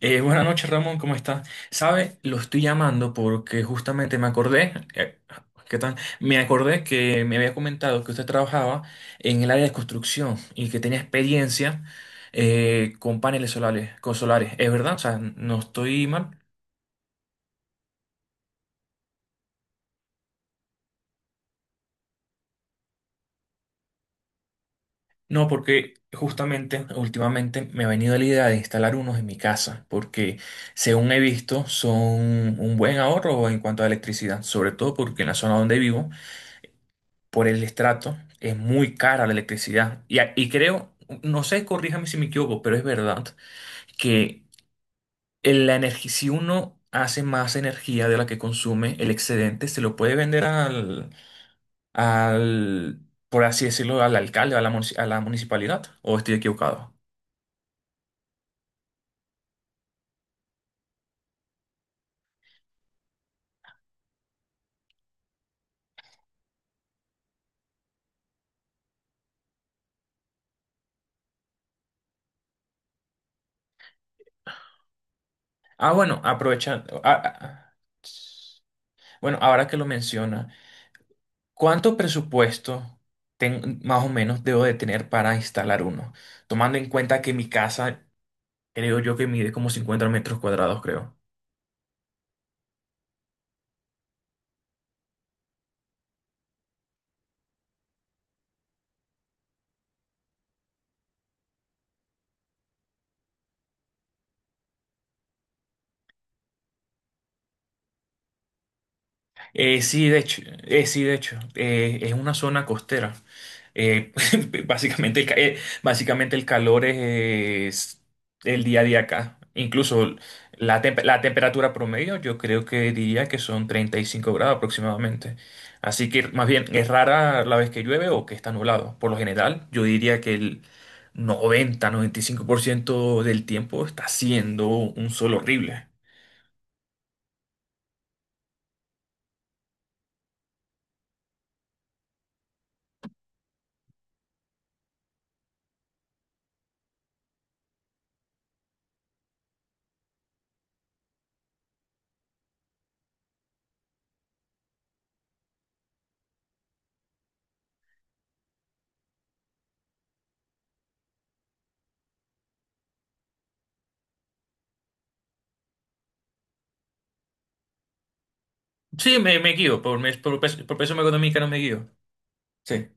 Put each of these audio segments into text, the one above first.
Buenas noches, Ramón, ¿cómo estás? Sabe, lo estoy llamando porque justamente me acordé, ¿qué tal? Me acordé que me había comentado que usted trabajaba en el área de construcción y que tenía experiencia con paneles solares, con solares. ¿Es verdad? O sea, no estoy mal. No, porque justamente últimamente me ha venido la idea de instalar unos en mi casa, porque según he visto son un buen ahorro en cuanto a electricidad, sobre todo porque en la zona donde vivo, por el estrato, es muy cara la electricidad. Y creo, no sé, corríjame si me equivoco, pero es verdad que la energía, si uno hace más energía de la que consume, el excedente se lo puede vender al, por así decirlo, al alcalde, a la municipalidad, o estoy equivocado. Ah, bueno, aprovechan. Ah. Bueno, ahora que lo menciona, ¿cuánto presupuesto más o menos debo de tener para instalar uno? Tomando en cuenta que mi casa, creo yo que mide como 50 metros cuadrados, creo. Sí, de hecho, sí, de hecho, es una zona costera. Eh, básicamente, básicamente el calor es el día a día acá. Incluso la temperatura promedio, yo creo que diría que son 35 grados aproximadamente. Así que más bien es rara la vez que llueve o que está nublado. Por lo general, yo diría que el noventa y cinco por ciento del tiempo está siendo un sol horrible. Sí, me guío por peso económico me guío. Sí.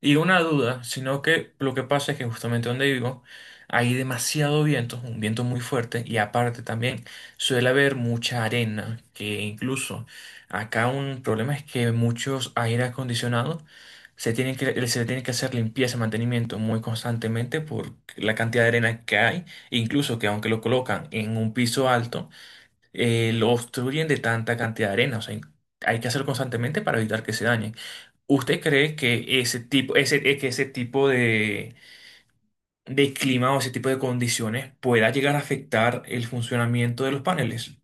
Y una duda, sino que lo que pasa es que justamente donde vivo hay demasiado viento, un viento muy fuerte, y aparte también suele haber mucha arena, que incluso acá un problema es que muchos aire acondicionados se tienen que, se le tiene que hacer limpieza, mantenimiento muy constantemente por la cantidad de arena que hay, incluso que aunque lo colocan en un piso alto, lo obstruyen de tanta cantidad de arena. O sea, hay que hacerlo constantemente para evitar que se dañen. ¿Usted cree que ese tipo de, clima o ese tipo de condiciones pueda llegar a afectar el funcionamiento de los paneles?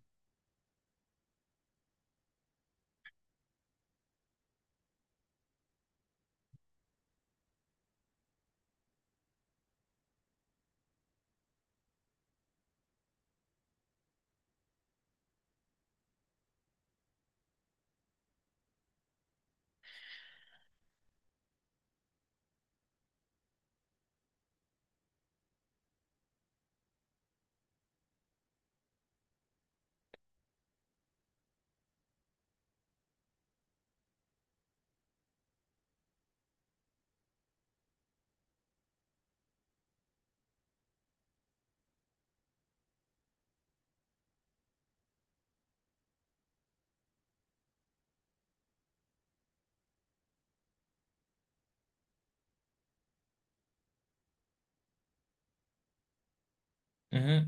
Ujú.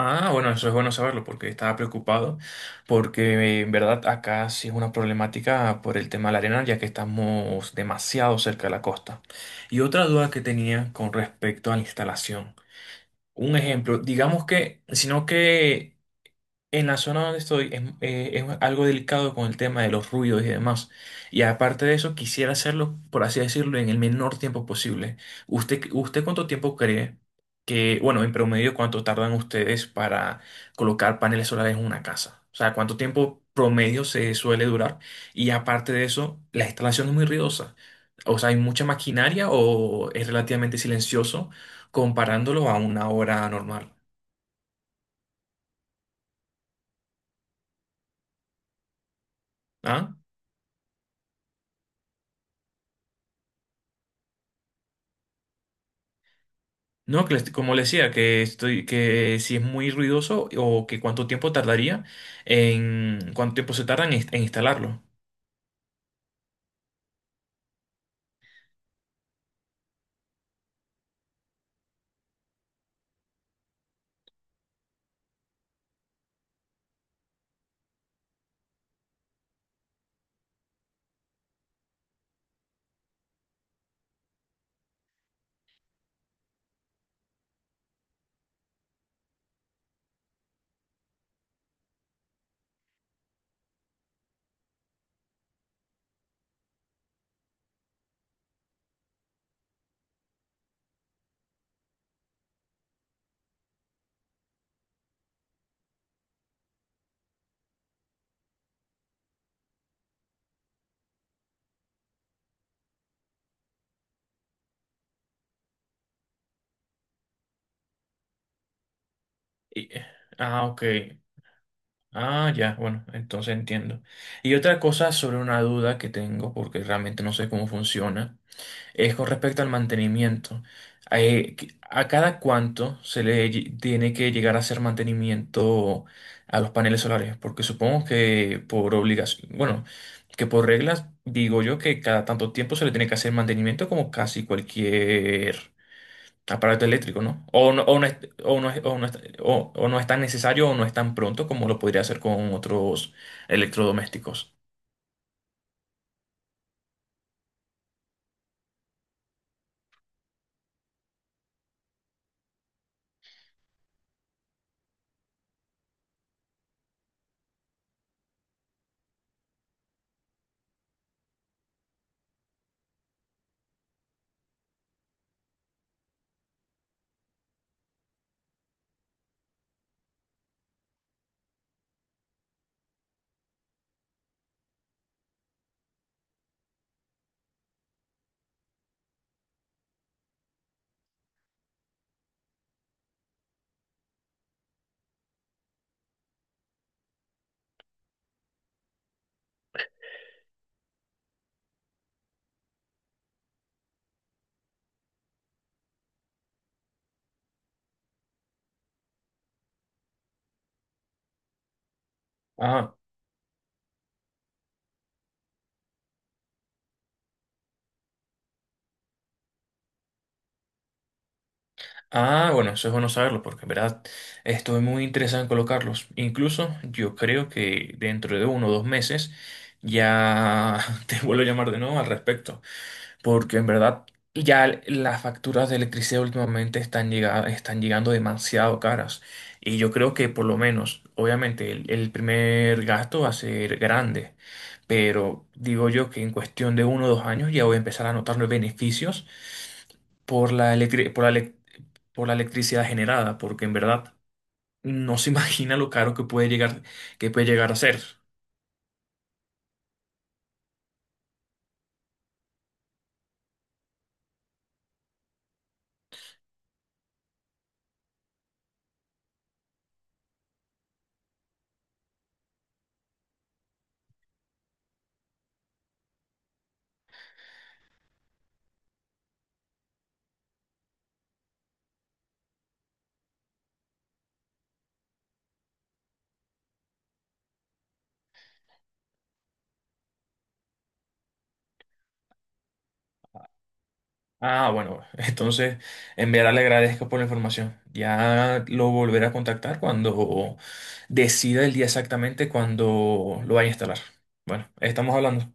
Ah, bueno, eso es bueno saberlo porque estaba preocupado, porque en verdad acá sí es una problemática por el tema de la arena, ya que estamos demasiado cerca de la costa. Y otra duda que tenía con respecto a la instalación. Un ejemplo, digamos que, sino que. En la zona donde estoy es algo delicado con el tema de los ruidos y demás. Y aparte de eso, quisiera hacerlo, por así decirlo, en el menor tiempo posible. ¿Usted, usted cuánto tiempo cree que, bueno, en promedio, cuánto tardan ustedes para colocar paneles solares en una casa? O sea, ¿cuánto tiempo promedio se suele durar? Y aparte de eso, la instalación es muy ruidosa. O sea, ¿hay mucha maquinaria o es relativamente silencioso comparándolo a una hora normal? ¿Ah? No, que como le decía, que estoy, que si es muy ruidoso o que cuánto tiempo tardaría, en cuánto tiempo se tarda en en instalarlo. Y- eh, ah, ok. Ah, ya, bueno, entonces entiendo. Y otra cosa sobre una duda que tengo, porque realmente no sé cómo funciona. Es con respecto al mantenimiento. ¿A cada cuánto se le tiene que llegar a hacer mantenimiento a los paneles solares? Porque supongo que por obligación, bueno, que por reglas digo yo que cada tanto tiempo se le tiene que hacer mantenimiento como casi cualquier aparato eléctrico, ¿no? O no, o no es- o no es- o no es tan necesario o no es tan pronto como lo podría hacer con otros electrodomésticos. Ah. Ah, bueno, eso es bueno saberlo porque en verdad estoy muy interesado en colocarlos. Incluso yo creo que dentro de uno o dos meses ya te vuelvo a llamar de nuevo al respecto, porque en verdad ya las facturas de electricidad últimamente están llegando demasiado caras y yo creo que por lo menos, obviamente el primer gasto va a ser grande, pero digo yo que en cuestión de uno o dos años ya voy a empezar a notar los beneficios por la electricidad, por la electricidad generada, porque en verdad no se imagina lo caro que puede llegar a ser. Ah, bueno, entonces en verdad le agradezco por la información. Ya lo volveré a contactar cuando decida el día exactamente cuando lo vaya a instalar. Bueno, estamos hablando.